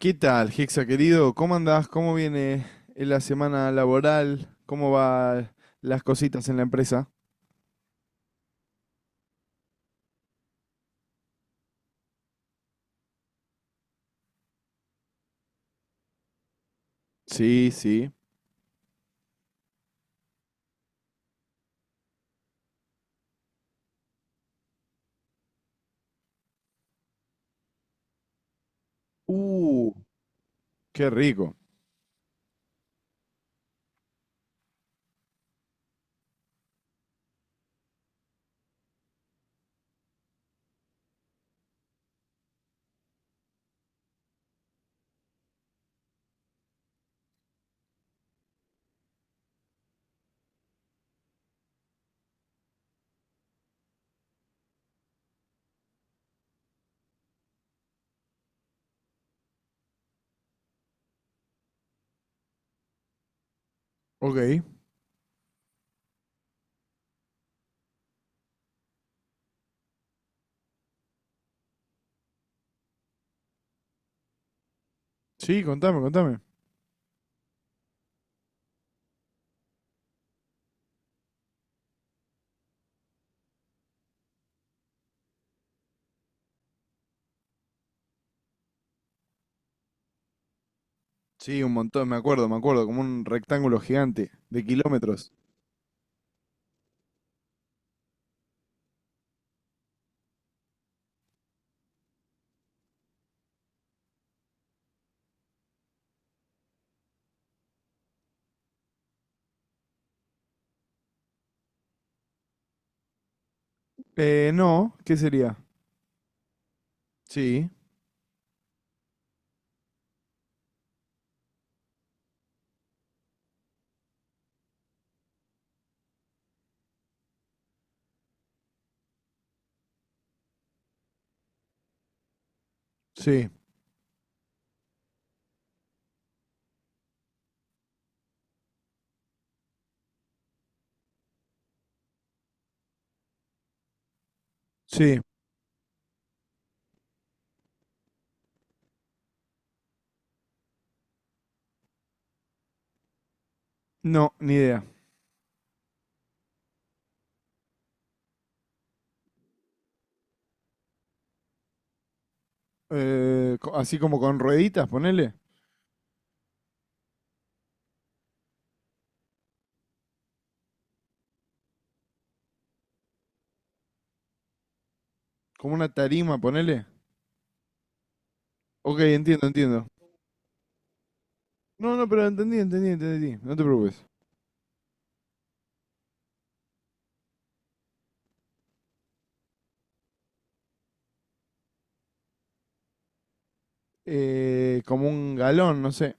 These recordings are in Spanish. ¿Qué tal, Hexa querido? ¿Cómo andás? ¿Cómo viene la semana laboral? ¿Cómo van las cositas en la empresa? Sí, sí. Uh, qué rico. Ok. Sí, contame, contame. Sí, un montón, me acuerdo, como un rectángulo gigante de kilómetros. No, ¿qué sería? Sí, sí, sí. No, ni idea. Así como con rueditas, ponele. Como una tarima, ponele. Ok, entiendo, entiendo. No, no, pero entendí, entendí, entendí. No te preocupes. Como un galón, no sé.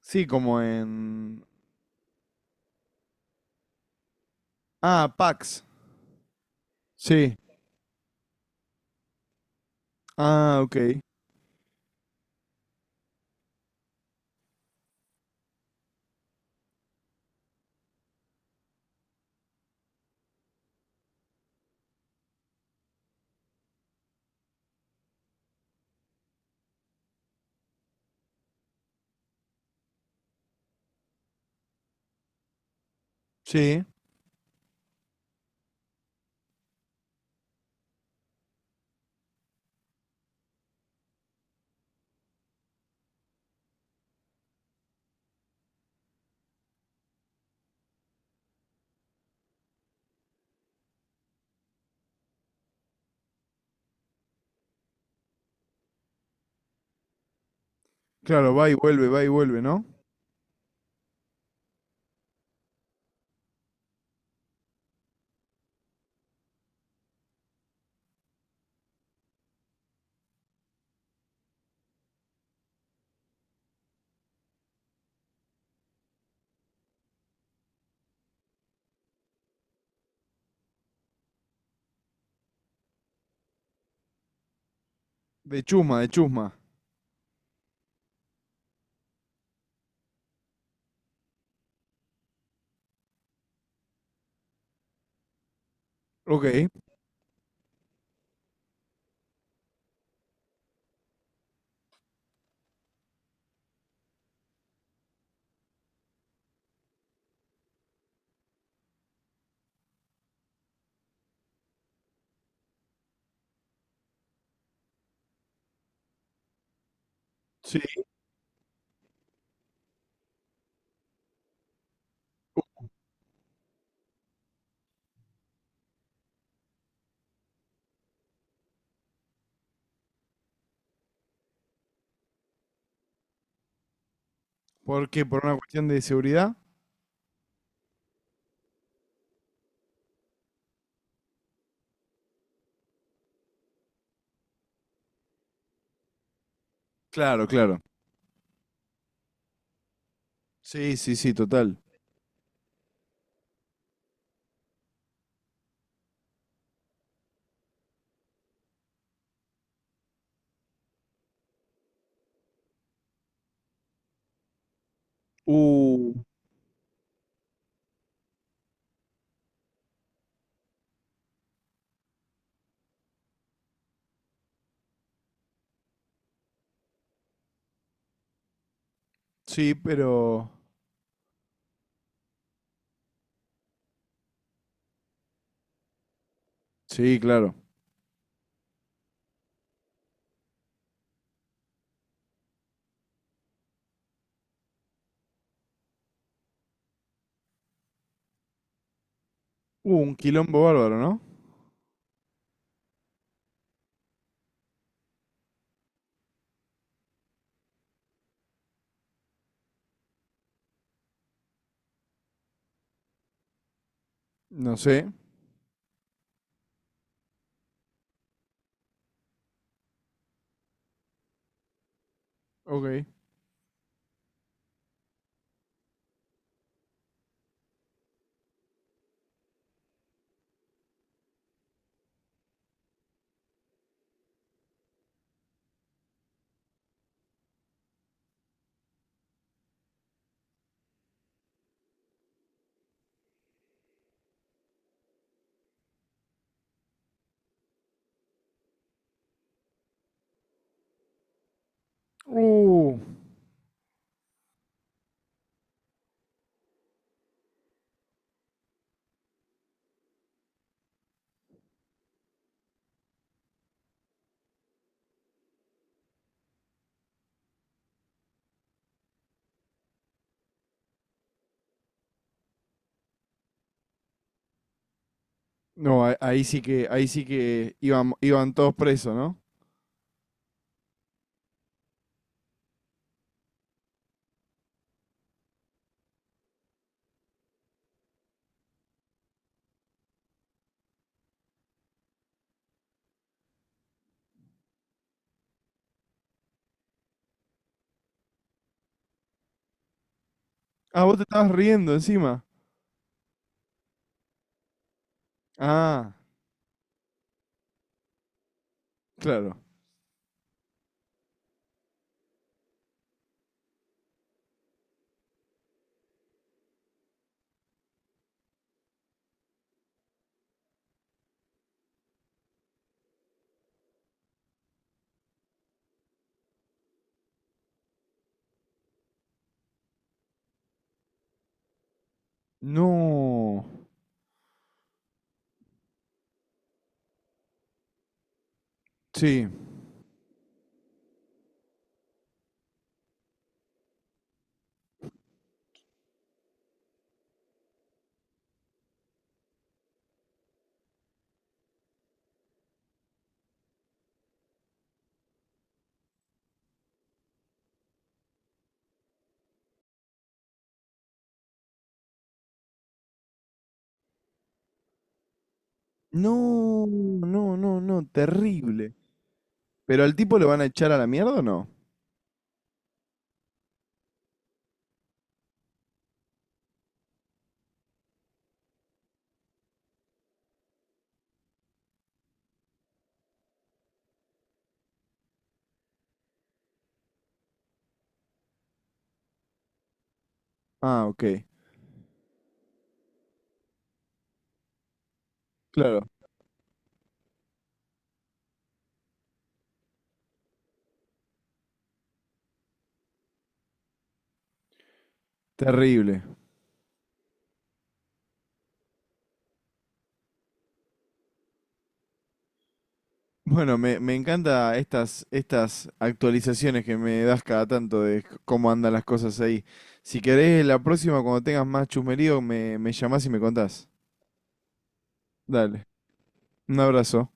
Sí, como en... Ah, Pax. Sí. Ah, ok. Sí. Claro, va y vuelve, ¿no? De chusma, de chusma. Ok. Sí. ¿Por qué? ¿Por una cuestión de seguridad? Claro, claro. Sí, sí, sí, total. Uh, sí, pero... Sí, claro. Un quilombo bárbaro, ¿no? No sé. Ok. Uh. No, ahí sí que iban, iban todos presos, ¿no? Ah, vos te estabas riendo encima. Ah, claro. No. Sí. No, no, no, no, terrible. ¿Pero al tipo lo van a echar a la mierda o no? Ah, ok. Claro, terrible. Bueno, me encanta estas, estas actualizaciones que me das cada tanto de cómo andan las cosas ahí. Si querés, la próxima, cuando tengas más chusmerío, me llamás y me contás. Dale, un abrazo.